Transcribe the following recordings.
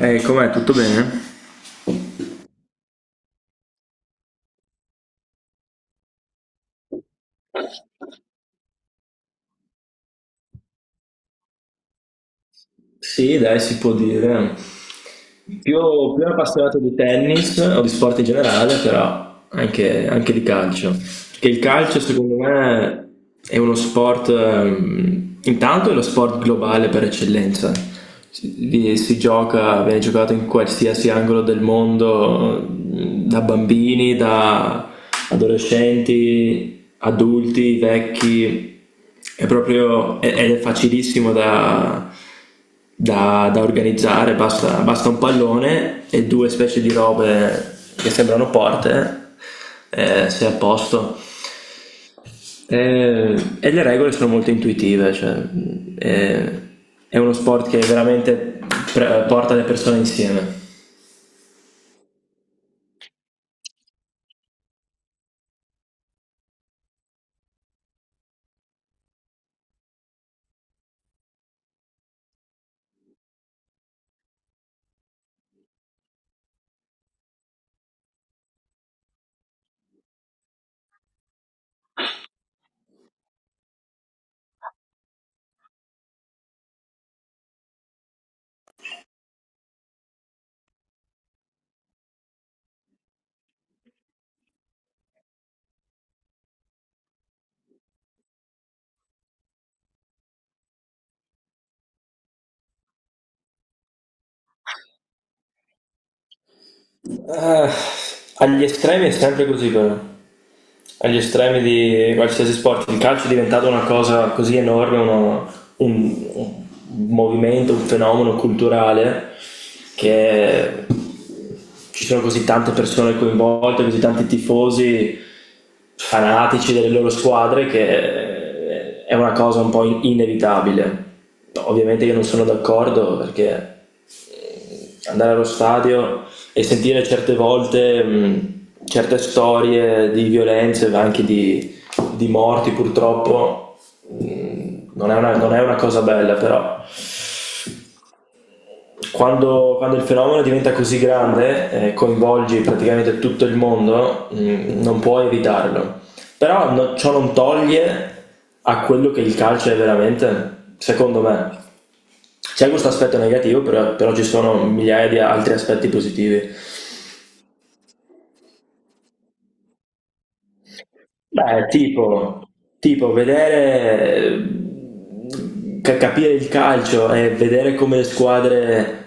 Com'è? Tutto bene? Sì, dai, si può dire. Più, più appassionato di tennis o di sport in generale, però anche di calcio. Che il calcio, secondo me, è uno sport, intanto è lo sport globale per eccellenza. Si, si gioca, viene giocato in qualsiasi angolo del mondo, da bambini, da adolescenti, adulti, vecchi. Ed è facilissimo da organizzare, basta un pallone e due specie di robe che sembrano porte, sei a posto. Eh, e le regole sono molto intuitive, cioè, eh, è uno sport che veramente porta le persone insieme. Eh, Agli estremi è sempre così però. Agli estremi di qualsiasi sport. Il calcio è diventato una cosa così enorme, un movimento, un fenomeno culturale che ci sono così tante persone coinvolte, così tanti tifosi fanatici delle loro squadre che è una cosa un po' inevitabile. Ovviamente io non sono d'accordo perché andare allo stadio e sentire certe volte certe storie di violenze, di morti purtroppo, non è una cosa bella però quando il fenomeno diventa così grande e coinvolgi praticamente tutto il mondo, non puoi evitarlo. Però ciò non toglie a quello che il calcio è veramente, secondo me. C'è questo aspetto negativo, però ci sono migliaia di altri aspetti positivi. Beh, tipo vedere, capire il calcio e vedere come le squadre,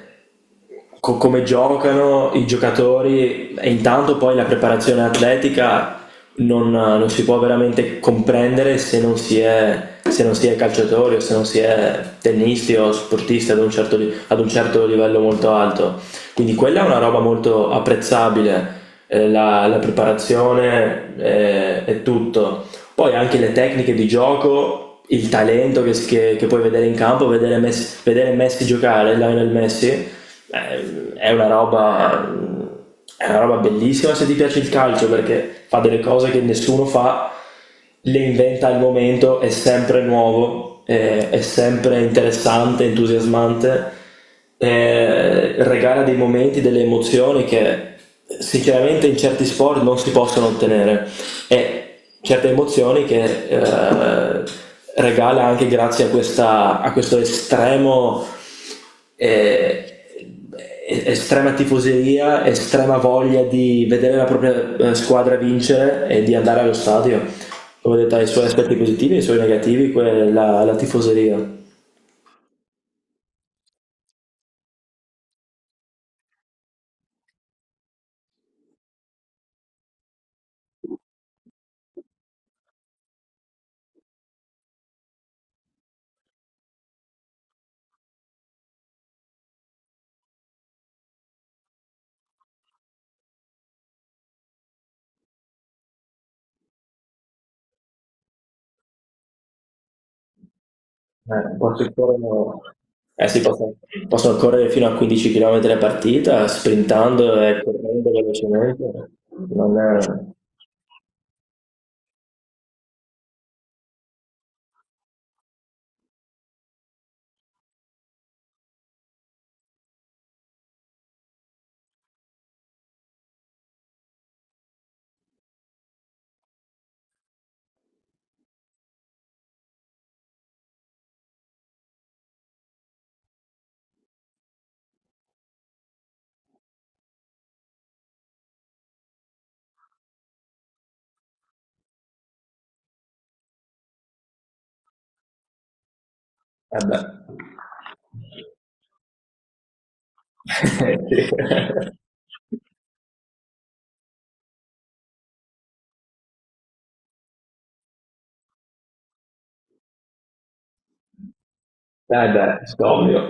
co- come giocano i giocatori e intanto poi la preparazione atletica non si può veramente comprendere se non si è calciatori o se non si è tennisti o sportisti ad un ad un certo livello molto alto. Quindi quella è una roba molto apprezzabile la preparazione è tutto. Poi anche le tecniche di gioco, il talento che puoi vedere in campo, vedere Messi giocare, Lionel Messi, eh, è una roba è una roba bellissima se ti piace il calcio perché fa delle cose che nessuno fa, le inventa al momento, è sempre nuovo, è sempre interessante, entusiasmante, regala dei momenti, delle emozioni che sinceramente in certi sport non si possono ottenere. E certe emozioni che regala anche grazie a questo estremo eh, estrema tifoseria, estrema voglia di vedere la propria squadra vincere e di andare allo stadio. Come detto, ha i suoi aspetti positivi e i suoi negativi, quella, la tifoseria. Eh, possono correre- eh sì, possono correre fino a 15 km a partita, sprintando e correndo velocemente. Non è... Eh beh. Sì. Eh beh, ovvio.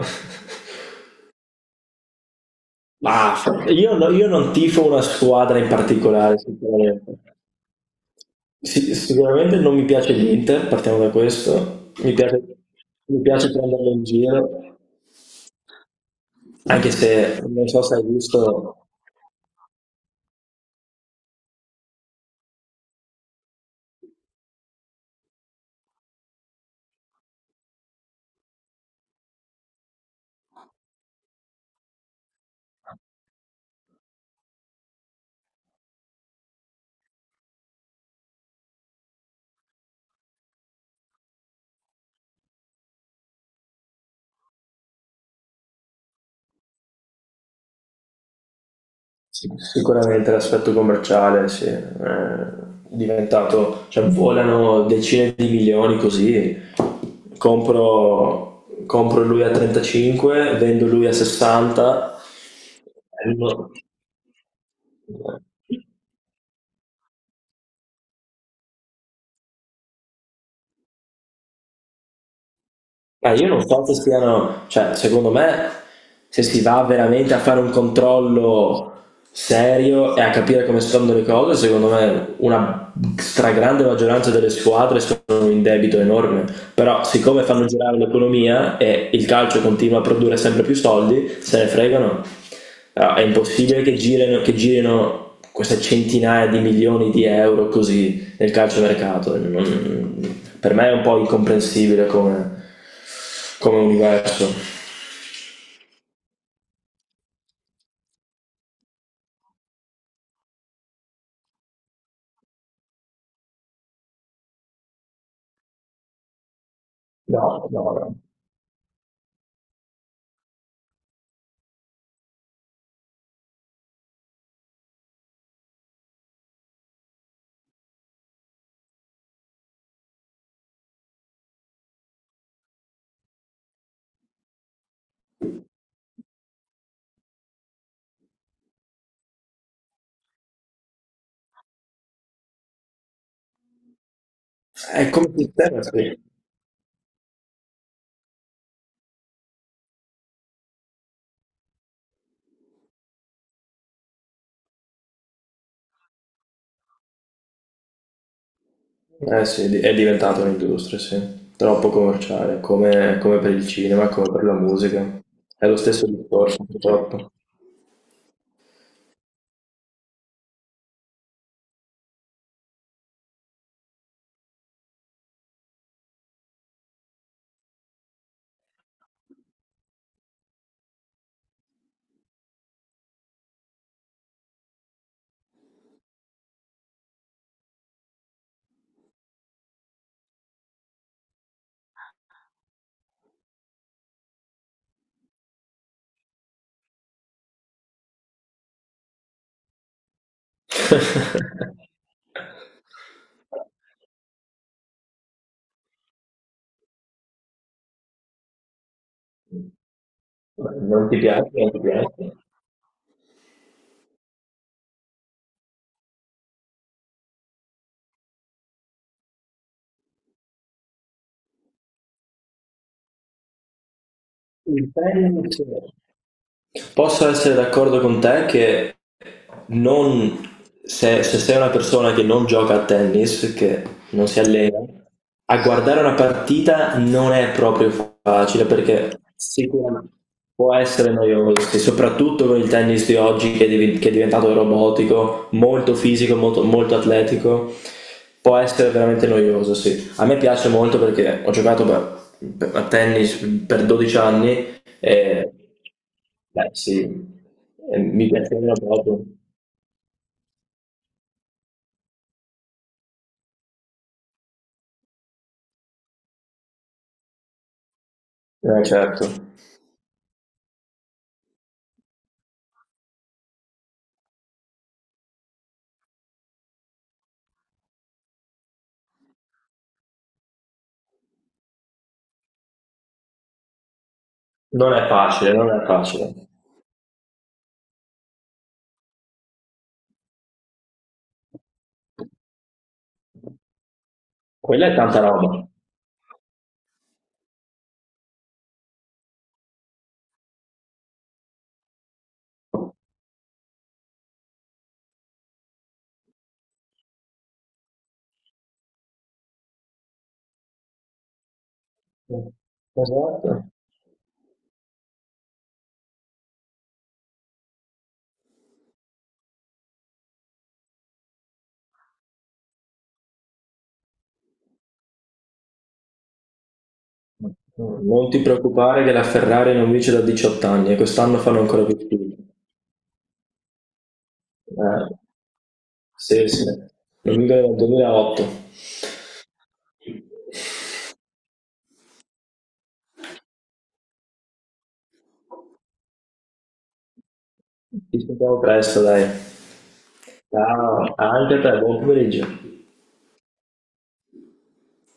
Ma io, io non tifo una squadra in particolare, sicuramente. Sì, sicuramente non mi piace l'Inter, partiamo da questo. Mi piace prenderlo in giro, anche se non so se hai visto. Sicuramente l'aspetto commerciale, sì, è diventato, cioè volano decine di milioni così, compro lui a 35, vendo lui a 60. No. Ma io non so se siano, cioè, secondo me, se si va veramente a fare un controllo serio e a capire come stanno le cose, secondo me una stragrande maggioranza delle squadre sono in debito enorme. Però, siccome fanno girare l'economia e il calcio continua a produrre sempre più soldi, se ne fregano. Ah, è impossibile che girino queste centinaia di milioni di euro così del calciomercato. Per me è un po' incomprensibile come, come universo. No, no, no. È come sistema, sì. Eh sì, è diventata un'industria, sì. Troppo commerciale, come, come per il cinema, come per la musica. È lo stesso discorso, purtroppo. Non ti piace, non ti piace. Il tennis. Posso essere d'accordo con te che non... se sei una persona che non gioca a tennis, che non si allena, a guardare una partita non è proprio facile perché sicuramente può essere noioso, e soprattutto con il tennis di oggi che è, che è diventato robotico, molto fisico, molto atletico, può essere veramente noioso, sì. A me piace molto perché ho giocato a tennis per 12 anni eh, beh, sì. Mi piaceva proprio. Certo, non è facile, non è facile. Quella è tanta roba. Esatto. Non ti preoccupare che la Ferrari non vince da 18 anni e quest'anno fanno ancora più schifo. Eh, sì, sì, non vincono dal 2008. Ci sentiamo presto, dai. Ciao, anche a te, buon pomeriggio.